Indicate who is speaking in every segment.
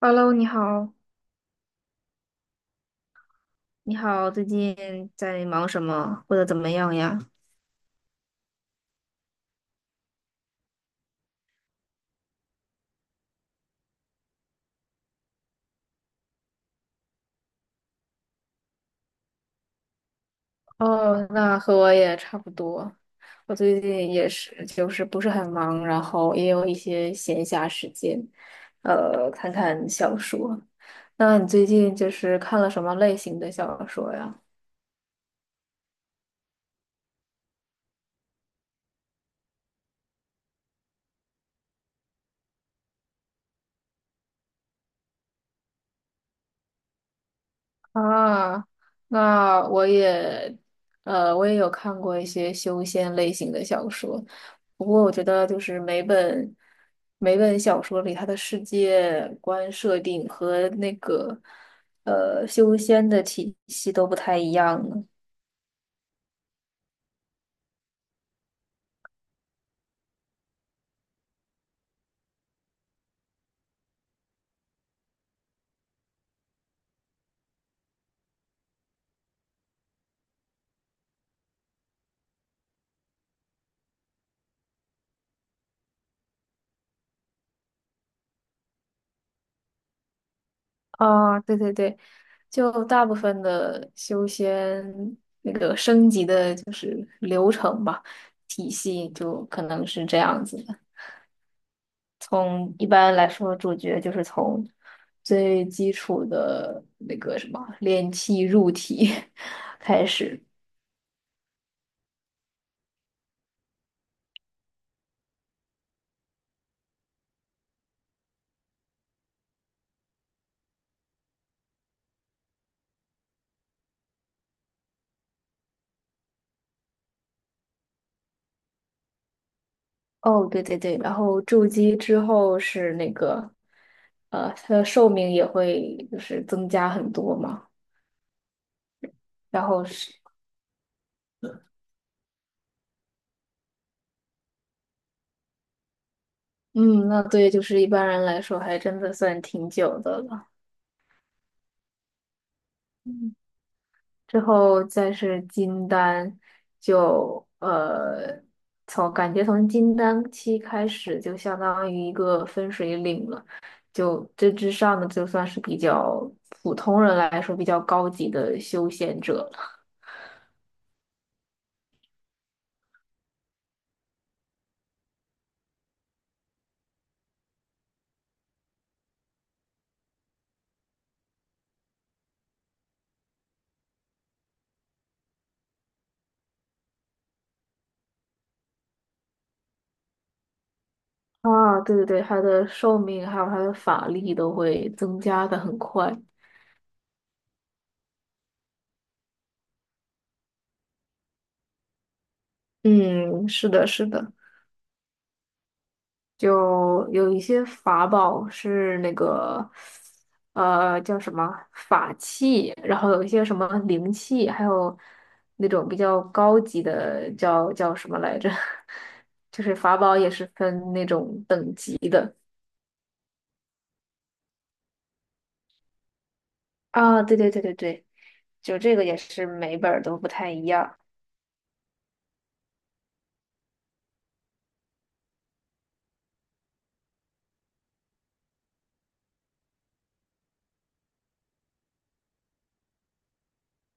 Speaker 1: Hello，你好，你好，最近在忙什么或者怎么样呀？哦，那和我也差不多。我最近也是，就是不是很忙，然后也有一些闲暇时间，看看小说。那你最近就是看了什么类型的小说呀？啊，那我也，我也有看过一些修仙类型的小说，不过我觉得就是每本小说里它的世界观设定和那个修仙的体系都不太一样呢。啊，对对对，就大部分的修仙那个升级的就是流程吧，体系就可能是这样子的。从一般来说，主角就是从最基础的那个什么练气入体 开始。哦，对对对，然后筑基之后是那个，它的寿命也会就是增加很多嘛。然后是，嗯，那对，就是一般人来说还真的算挺久的了。嗯之后再是金丹，就从感觉从金丹期开始，就相当于一个分水岭了。就这之上的，就算是比较普通人来说比较高级的修仙者了。啊，对对对，他的寿命还有他的法力都会增加的很快。嗯，是的，是的。就有一些法宝是那个，叫什么法器，然后有一些什么灵器，还有那种比较高级的叫什么来着？就是法宝也是分那种等级的。啊，对对对对对，就这个也是每本儿都不太一样。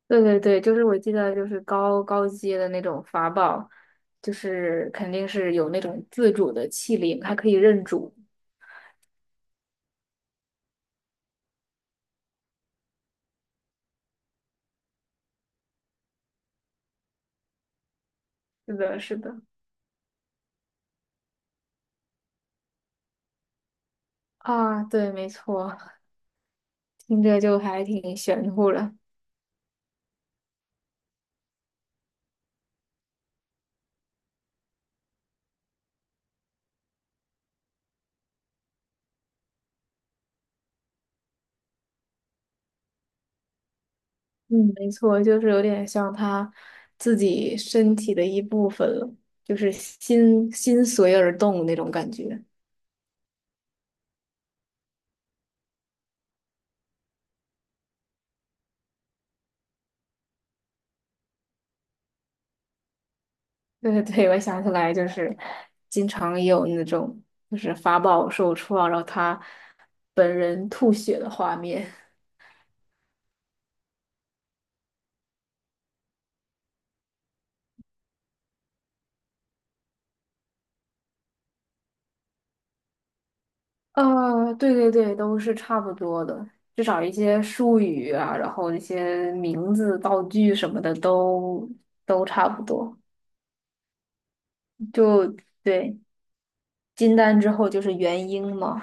Speaker 1: 对对对，就是我记得就是高阶的那种法宝，就是肯定是有那种自主的器灵，还可以认主。是的，是的。啊，对，没错，听着就还挺玄乎的。嗯，没错，就是有点像他自己身体的一部分了，就是心心随而动那种感觉。对对对，我想起来，就是经常也有那种就是法宝受创，然后他本人吐血的画面。对对对，都是差不多的，至少一些术语啊，然后一些名字、道具什么的都差不多。就对，金丹之后就是元婴嘛。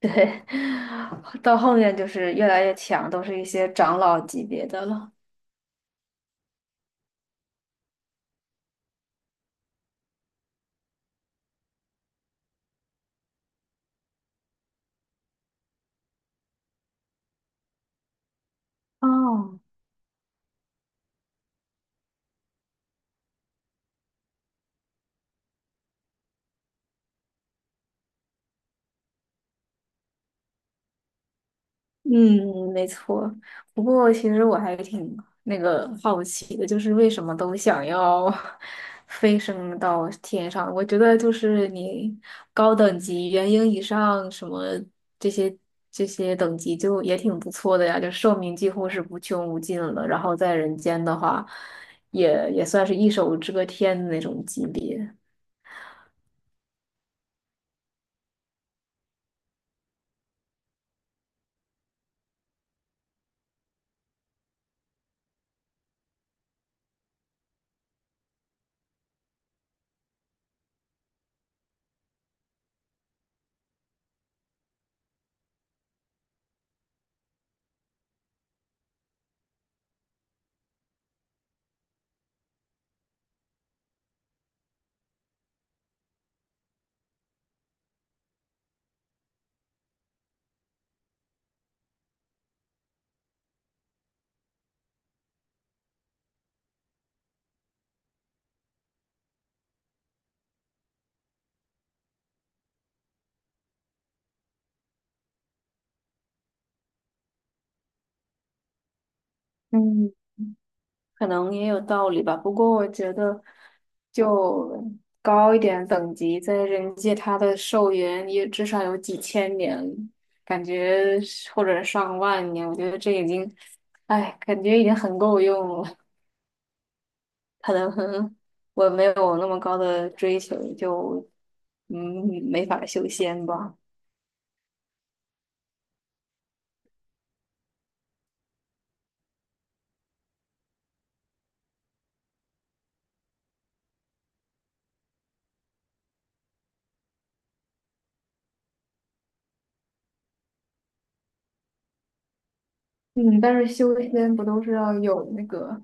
Speaker 1: 对，到后面就是越来越强，都是一些长老级别的了。哦，嗯，没错。不过其实我还挺那个好奇的，就是为什么都想要 飞升到天上？我觉得就是你高等级元婴以上什么这些这些等级就也挺不错的呀，就寿命几乎是无穷无尽了。然后在人间的话，也算是一手遮天的那种级别。嗯，可能也有道理吧。不过我觉得，就高一点等级，在人界它的寿元也至少有几千年，感觉是或者上万年，我觉得这已经，哎，感觉已经很够用了。可能我没有那么高的追求，就嗯没法修仙吧。嗯，但是修仙不都是要有那个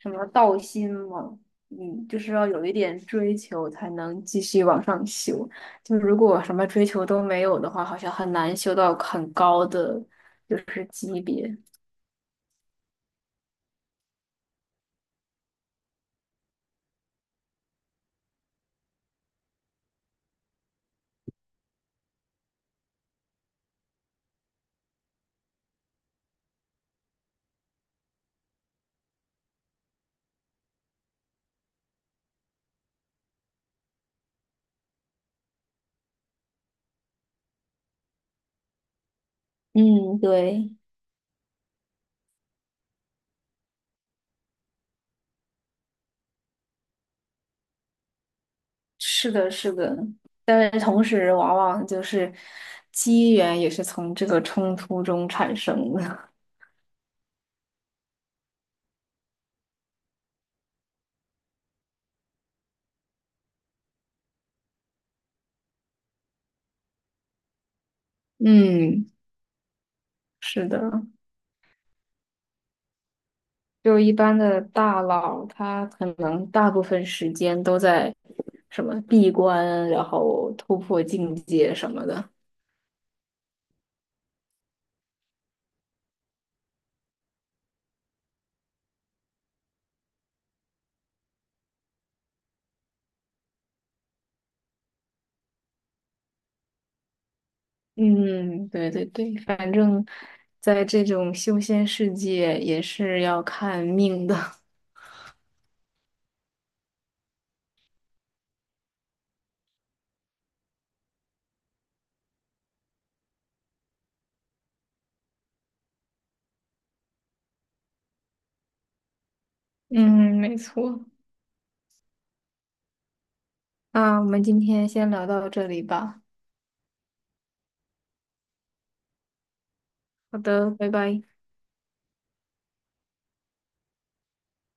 Speaker 1: 什么道心吗？嗯，就是要有一点追求才能继续往上修。就如果什么追求都没有的话，好像很难修到很高的就是级别。嗯，对，是的，是的。但是同时，往往就是机缘也是从这个冲突中产生的。嗯，是的。就一般的大佬，他可能大部分时间都在什么闭关，然后突破境界什么的。嗯，对对对，反正在这种修仙世界也是要看命的。嗯，没错。那我们今天先聊到这里吧。好的，拜拜。